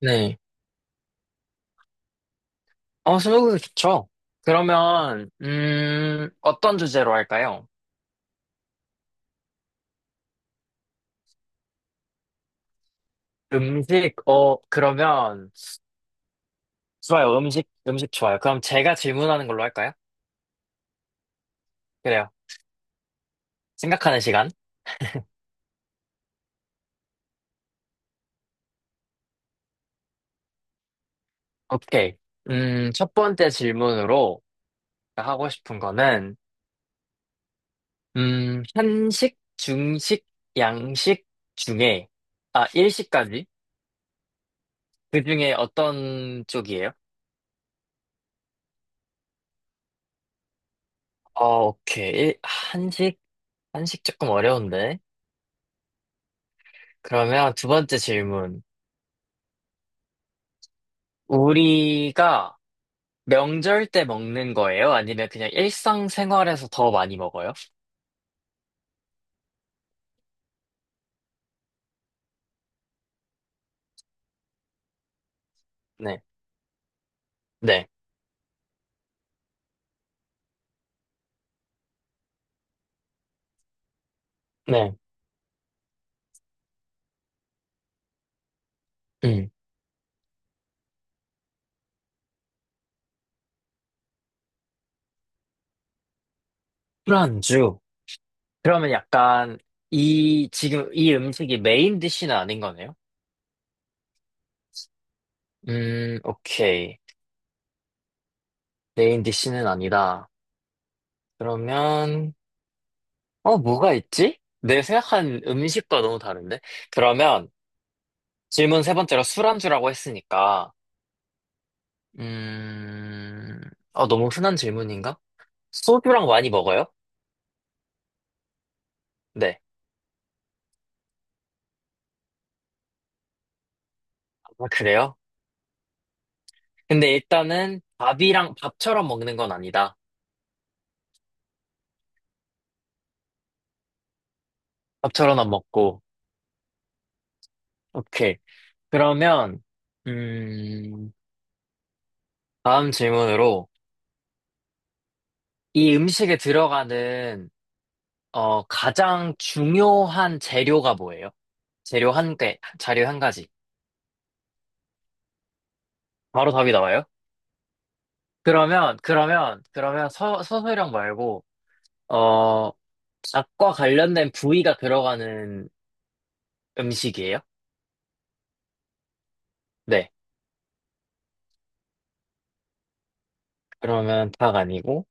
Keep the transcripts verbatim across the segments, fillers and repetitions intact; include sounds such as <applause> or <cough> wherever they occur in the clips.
네. 어, 스무고개 좋죠. 그러면, 음, 어떤 주제로 할까요? 음식, 어, 그러면, 좋아요. 음식, 음식 좋아요. 그럼 제가 질문하는 걸로 할까요? 그래요. 생각하는 시간. 오케이. 음, 첫 번째 질문으로 하고 싶은 거는, 음, 한식, 중식, 양식 중에, 아, 일식까지? 그 중에 어떤 쪽이에요? 어, 오케이. 일- 한식, 한식 조금 어려운데. 그러면 두 번째 질문. 우리가 명절 때 먹는 거예요? 아니면 그냥 일상생활에서 더 많이 먹어요? 네. 네. 네. 음. 술안주. 그러면 약간 이, 지금 이 음식이 메인 디쉬는 아닌 거네요? 음, 오케이. 메인 디쉬는 아니다. 그러면, 어, 뭐가 있지? 내 생각한 음식과 너무 다른데? 그러면 질문 세 번째로 술안주라고 했으니까, 음, 어 너무 흔한 질문인가? 소주랑 많이 먹어요? 네. 아, 그래요? 근데 일단은 밥이랑 밥처럼 먹는 건 아니다. 밥처럼 안 먹고. 오케이. 그러면, 음, 다음 질문으로 이 음식에 들어가는, 어, 가장 중요한 재료가 뭐예요? 재료 한 개, 자료 한 가지. 바로 답이 나와요? 그러면, 그러면, 그러면 서, 서술령 말고, 어, 닭과 관련된 부위가 들어가는 음식이에요? 네. 그러면 닭 아니고,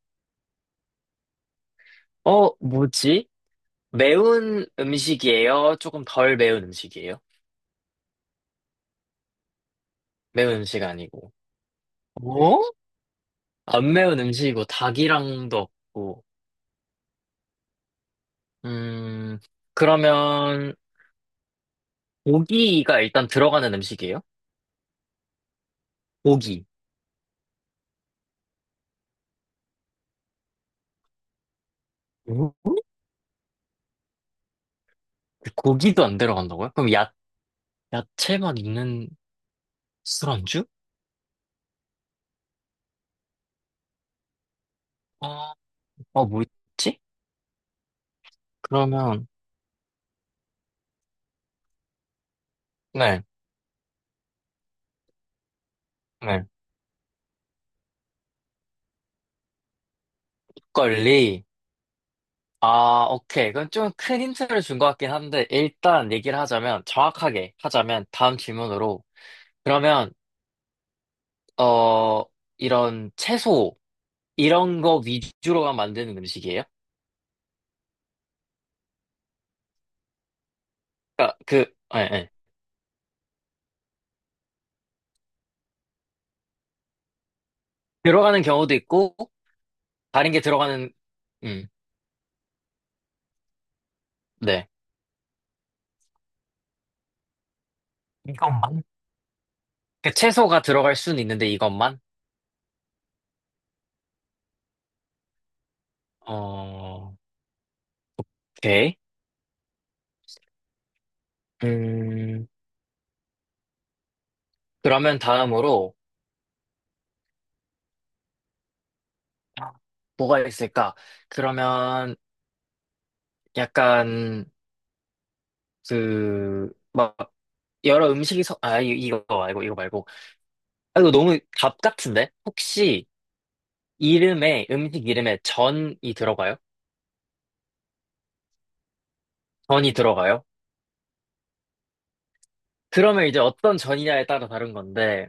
어, 뭐지? 매운 음식이에요? 조금 덜 매운 음식이에요? 매운 음식 아니고. 뭐? 안 매운 음식이고, 닭이랑도 없고. 음, 그러면, 고기가 일단 들어가는 음식이에요? 고기. 어? 고기도 안 들어간다고요? 그럼 야, 야채만 있는 술안주? 어, 어, 뭐 있지? 그러면, 네, 네. 막걸리. 아, 오케이. 그건 좀 큰 힌트를 준 것 같긴 한데, 일단 얘기를 하자면, 정확하게 하자면, 다음 질문으로. 그러면, 어, 이런 채소, 이런 거 위주로만 만드는 음식이에요? 그러니까 그, 예, 예. 들어가는 경우도 있고, 다른 게 들어가는, 음, 네. 이것만? 그 채소가 들어갈 수는 있는데, 이것만? 어, 오케이. 음, 그러면 다음으로, 뭐가 있을까? 그러면, 약간, 그, 막, 여러 음식이 섞, 아, 이- 이거 말고, 이거 말고. 아, 이거 너무 답 같은데? 혹시 이름에, 음식 이름에 전이 들어가요? 전이 들어가요? 그러면 이제 어떤 전이냐에 따라 다른 건데,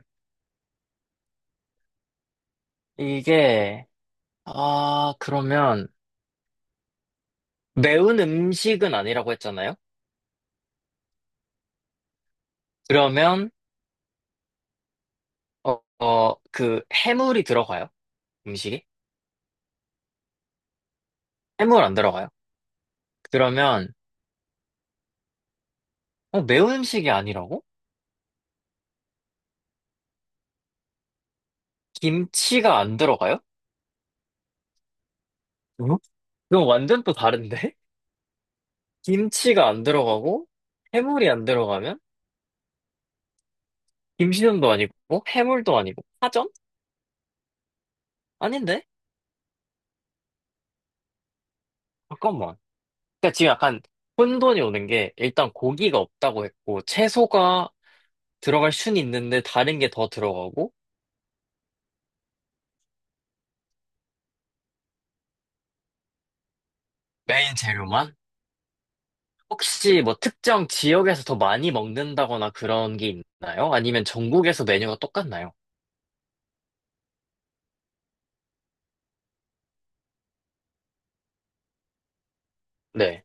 이게, 아, 그러면, 매운 음식은 아니라고 했잖아요? 그러면, 어, 어, 그, 해물이 들어가요? 음식이? 해물 안 들어가요? 그러면, 어, 매운 음식이 아니라고? 김치가 안 들어가요? 응? 그건 완전 또 다른데? 김치가 안 들어가고 해물이 안 들어가면 김치전도 아니고 해물도 아니고 파전? 아닌데? 잠깐만. 그러니까 지금 약간 혼돈이 오는 게 일단 고기가 없다고 했고 채소가 들어갈 순 있는데 다른 게 더 들어가고 메인 재료만? 혹시 뭐 특정 지역에서 더 많이 먹는다거나 그런 게 있나요? 아니면 전국에서 메뉴가 똑같나요? 네.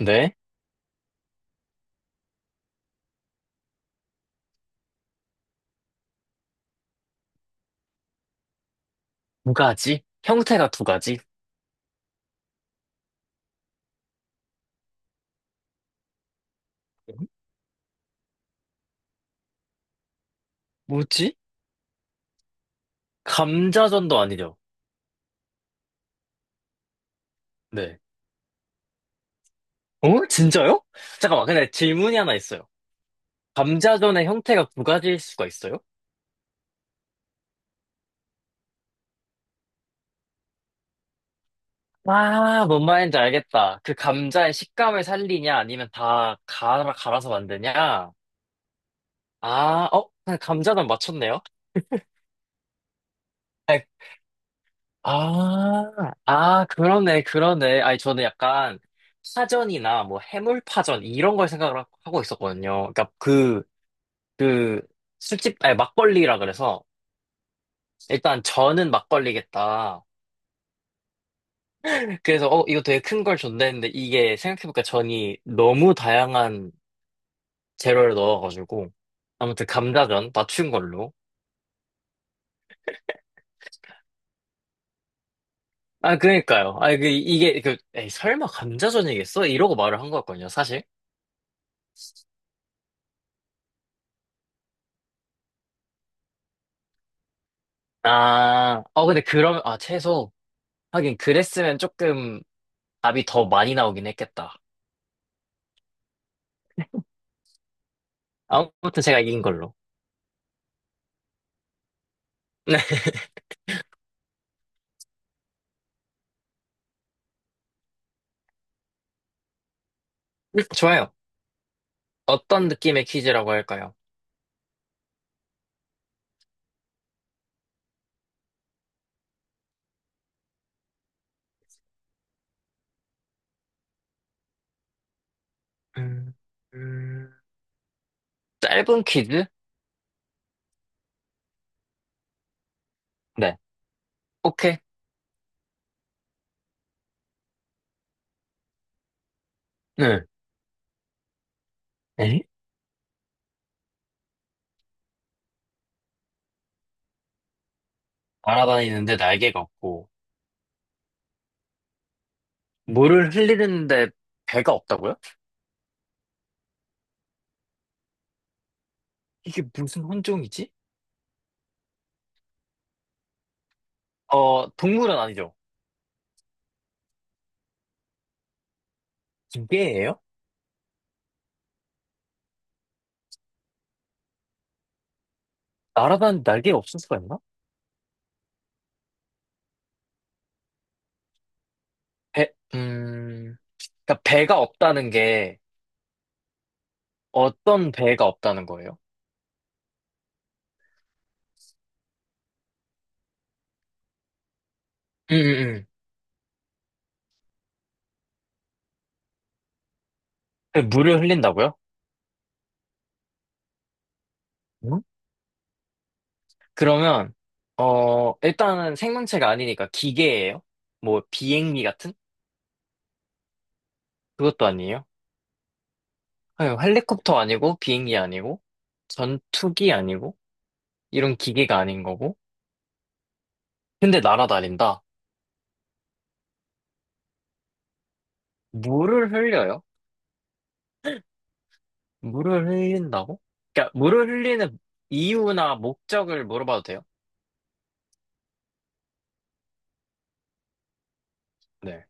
네. 두 가지? 형태가 두 가지? 뭐지? 감자전도 아니죠? 네. 어? 진짜요? 잠깐만, 근데 질문이 하나 있어요. 감자전의 형태가 두 가지일 수가 있어요? 아, 뭔 말인지 알겠다. 그 감자의 식감을 살리냐, 아니면 다 갈아, 갈아서 만드냐? 아, 어? 그냥 감자전 맞췄네요? 아이, 아, 아, 그러네, 그러네. 아니, 저는 약간 파전이나 뭐 해물파전 이런 걸 생각을 하- 하고 있었거든요. 그러니까 그, 그, 술집, 아니, 막걸리라 그래서 일단 저는 막걸리겠다. 그래서 어 이거 되게 큰 걸 줬네 했는데 이게 생각해보니까 전이 너무 다양한 재료를 넣어가지고 아무튼 감자전 맞춘 걸로 아 그러니까요 아 그 이게 그 에이 설마 감자전이겠어? 이러고 말을 한 거였거든요 사실 아 어 근데 그러면 아 채소 하긴 그랬으면 조금 답이 더 많이 나오긴 했겠다 아무튼 제가 이긴 걸로 <laughs> 네 좋아요 어떤 느낌의 퀴즈라고 할까요? 음, 음, 짧은 퀴즈? 네 오케이 네. 에? 날아다니는데 날개가 없고, 물을 흘리는데 배가 없다고요? 이게 무슨 혼종이지? 어, 동물은 아니죠. 기계예요? 날아다니는 날개가 없을 수가 있나? 배, 음, 그러니까 배가 없다는 게 어떤 배가 없다는 거예요? 음, 음, 음. 물을 흘린다고요? 응? 그러면, 어, 일단은 생명체가 아니니까 기계예요? 뭐, 비행기 같은? 그것도 아니에요? 아니, 헬리콥터 아니고, 비행기 아니고, 전투기 아니고, 이런 기계가 아닌 거고. 근데 날아다닌다. 물을 흘려요? 물을 흘린다고? 그러니까 물을 흘리는 이유나 목적을 물어봐도 돼요? 네.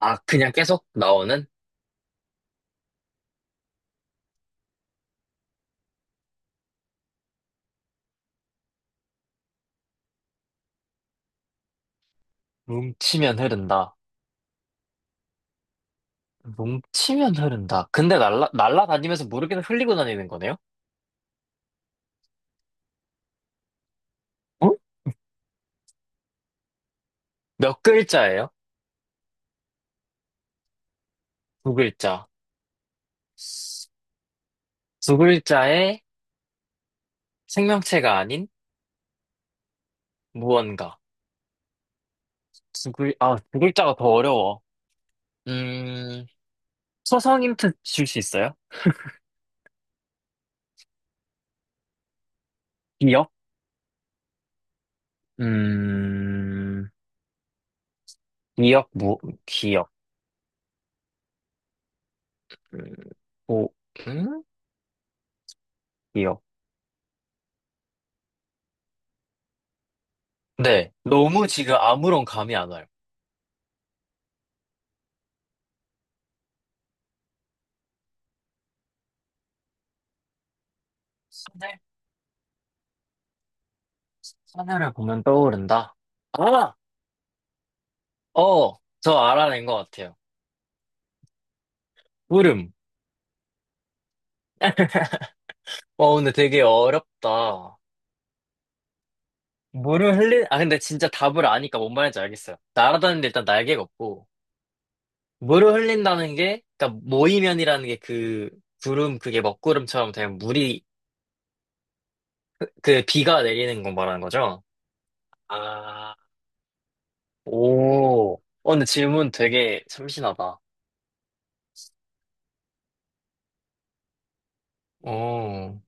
아, 그냥 계속 나오는? 뭉치면 흐른다. 뭉치면 흐른다. 근데 날라, 날아다니면서 물을 계속 흘리고 다니는 거네요? 어? 몇 글자예요? 두 글자. 두 글자의 생명체가 아닌 무언가. 두 글, 아, 두 글자가 더 어려워. 음, 초성 힌트 줄 수 있어요? 기억? 음, 기억, 무 기억, 음, 오, 음? 기억. 네, 너무 지금 아무런 감이 안 와요. 하늘? 하늘을 보면 떠오른다. 아! 어, 저 알아낸 것 같아요. 물음. 어, 근데 되게 어렵다. 물을 흘린, 아, 근데 진짜 답을 아니까 뭔 말인지 알겠어요. 날아다니는데 일단 날개가 없고, 물을 흘린다는 게, 그러니까 모이면이라는 게 그, 구름, 그게 먹구름처럼 되면 물이, 그 비가 내리는 거 말하는 거죠? 아 오. 어, 근데 질문 되게 참신하다. 어,